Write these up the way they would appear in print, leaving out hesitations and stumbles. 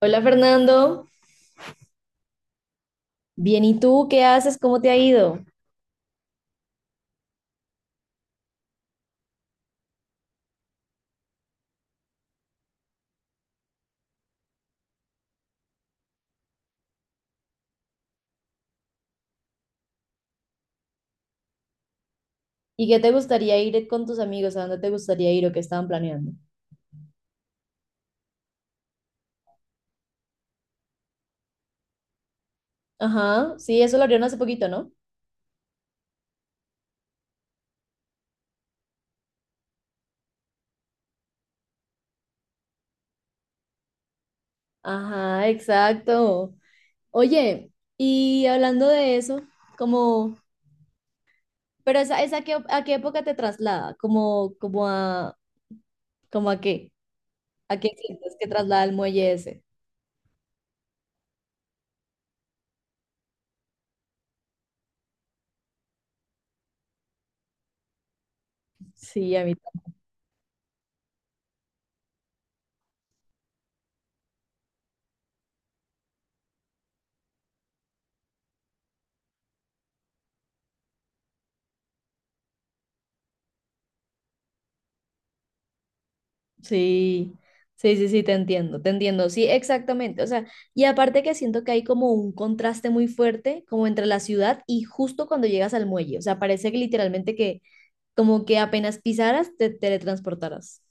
Hola Fernando, bien, ¿y tú qué haces? ¿Cómo te ha ido? ¿Y qué te gustaría ir con tus amigos? ¿A dónde te gustaría ir o qué estaban planeando? Ajá, sí, eso lo abrieron hace poquito, ¿no? Ajá, exacto. Oye, y hablando de eso, como, pero a qué época te traslada, como, como a, como a qué sientes que traslada el muelle ese. Sí, a mí Sí, sí te entiendo, sí, exactamente. O sea, y aparte que siento que hay como un contraste muy fuerte como entre la ciudad y justo cuando llegas al muelle. O sea, parece que literalmente que como que apenas pisaras te teletransportaras.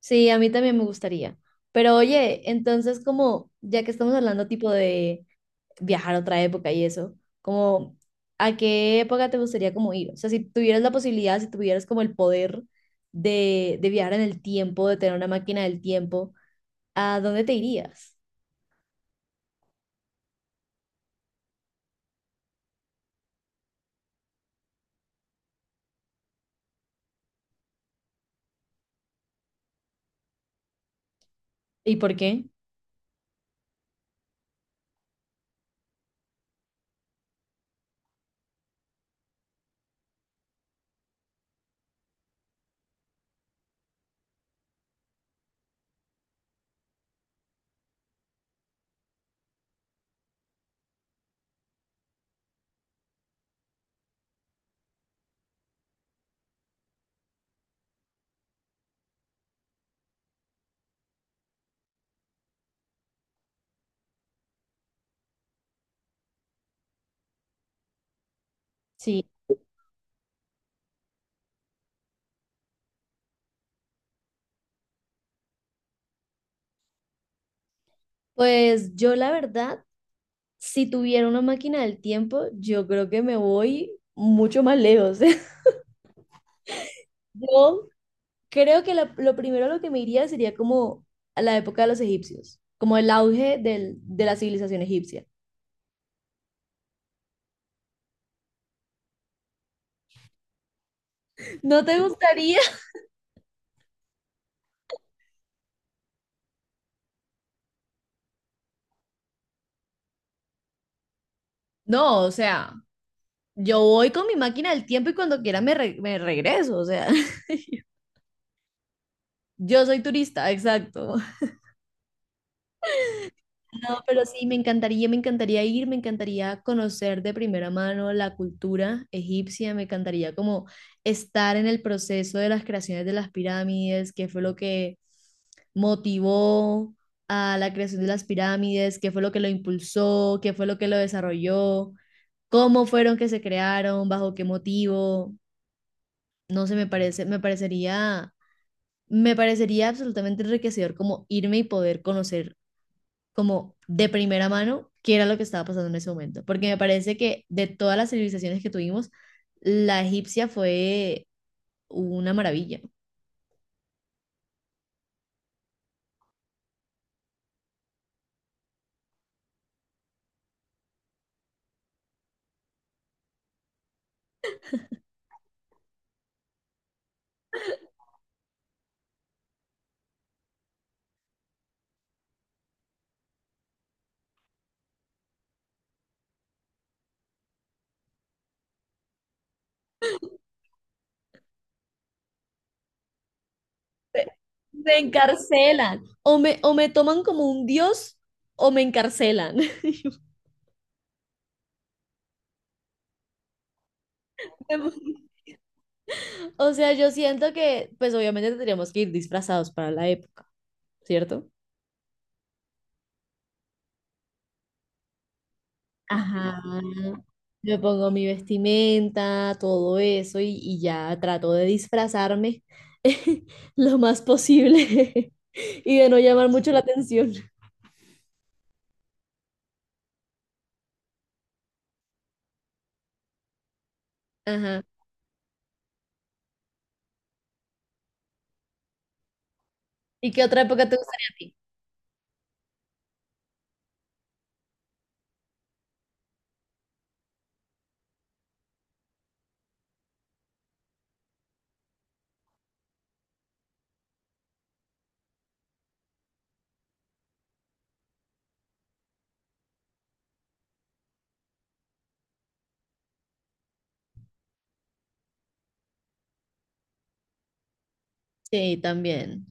Sí, a mí también me gustaría. Pero oye, entonces como ya que estamos hablando tipo de viajar a otra época y eso, como a qué época te gustaría como ir, o sea, si tuvieras la posibilidad, si tuvieras como el poder de viajar en el tiempo, de tener una máquina del tiempo, ¿a dónde te irías? ¿Y por qué? Sí, pues yo la verdad, si tuviera una máquina del tiempo, yo creo que me voy mucho más lejos. Yo creo que lo primero a lo que me iría sería como a la época de los egipcios, como el auge de la civilización egipcia. ¿No te gustaría? No, o sea, yo voy con mi máquina del tiempo y cuando quiera me, me regreso, o sea, yo soy turista, exacto. No, pero sí, me encantaría ir, me encantaría conocer de primera mano la cultura egipcia, me encantaría como estar en el proceso de las creaciones de las pirámides, qué fue lo que motivó a la creación de las pirámides, qué fue lo que lo impulsó, qué fue lo que lo desarrolló, cómo fueron que se crearon, bajo qué motivo. No sé, me parece, me parecería absolutamente enriquecedor como irme y poder conocer como de primera mano qué era lo que estaba pasando en ese momento, porque me parece que de todas las civilizaciones que tuvimos, la egipcia fue una maravilla. Me me encarcelan. O me toman como un dios o me encarcelan. O sea, yo siento que, pues obviamente tendríamos que ir disfrazados para la época, ¿cierto? Ajá, me pongo mi vestimenta, todo eso, y ya trato de disfrazarme lo más posible y de no llamar mucho la atención. Ajá. ¿Y qué otra época te gustaría a ti? Sí, también,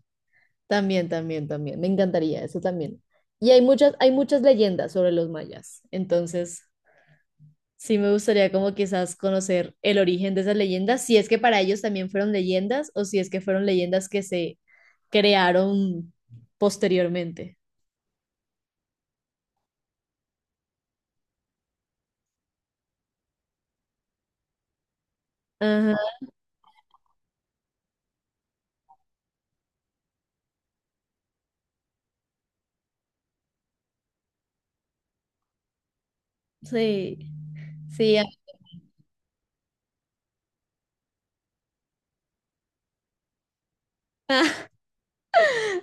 también, también, también. Me encantaría eso también. Y hay muchas leyendas sobre los mayas, entonces sí me gustaría como quizás conocer el origen de esas leyendas, si es que para ellos también fueron leyendas o si es que fueron leyendas que se crearon posteriormente. Ajá, sí, sí, ajá.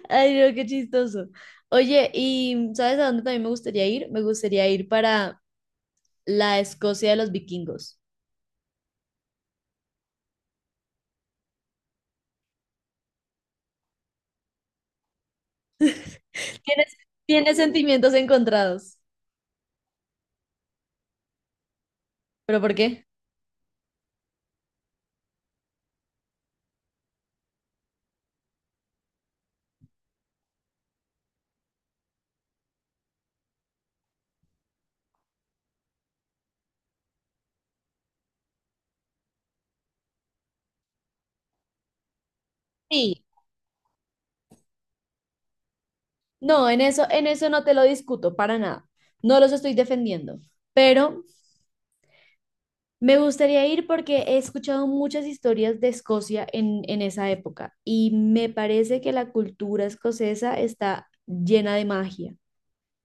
Ay, no, qué chistoso. Oye, ¿y sabes a dónde también me gustaría ir? Me gustaría ir para la Escocia de los vikingos. Tienes, tienes sentimientos encontrados. ¿Pero por qué? Sí, no, en eso no te lo discuto para nada. No los estoy defendiendo, pero me gustaría ir porque he escuchado muchas historias de Escocia en esa época y me parece que la cultura escocesa está llena de magia.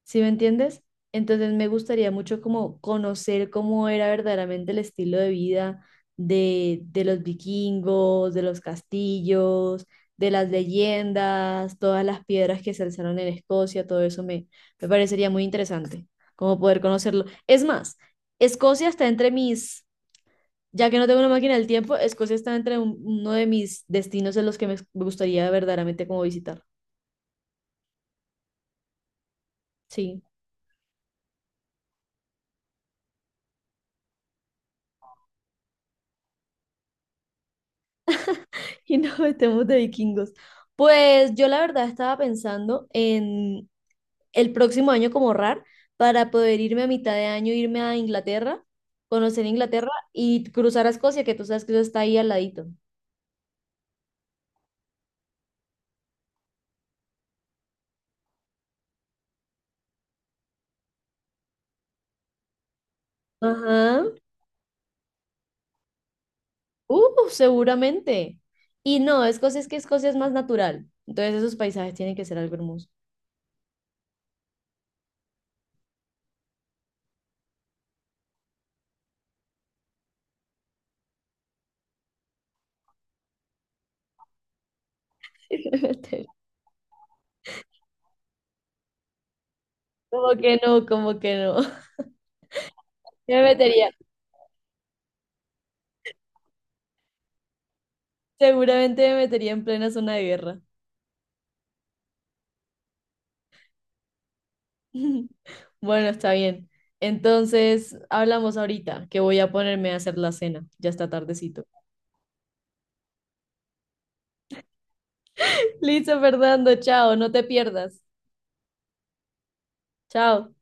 ¿Sí me entiendes? Entonces me gustaría mucho como conocer cómo era verdaderamente el estilo de vida de los vikingos, de los castillos, de las leyendas, todas las piedras que se alzaron en Escocia, todo eso me, me parecería muy interesante, como poder conocerlo. Es más, Escocia está entre mis, ya que no tengo una máquina del tiempo, Escocia está entre uno de mis destinos en los que me gustaría verdaderamente como visitar. Sí. Y nos metemos de vikingos. Pues yo la verdad estaba pensando en el próximo año como ahorrar para poder irme a mitad de año, irme a Inglaterra, conocer Inglaterra y cruzar a Escocia, que tú sabes que eso está ahí al ladito. Ajá. Seguramente. Y no, Escocia es que Escocia es más natural. Entonces esos paisajes tienen que ser algo hermoso. Me metería. Como que no, como que no. Me metería, seguramente me metería en plena zona de guerra. Bueno, está bien. Entonces, hablamos ahorita, que voy a ponerme a hacer la cena. Ya está tardecito. Listo, Fernando, chao, no te pierdas. Chao.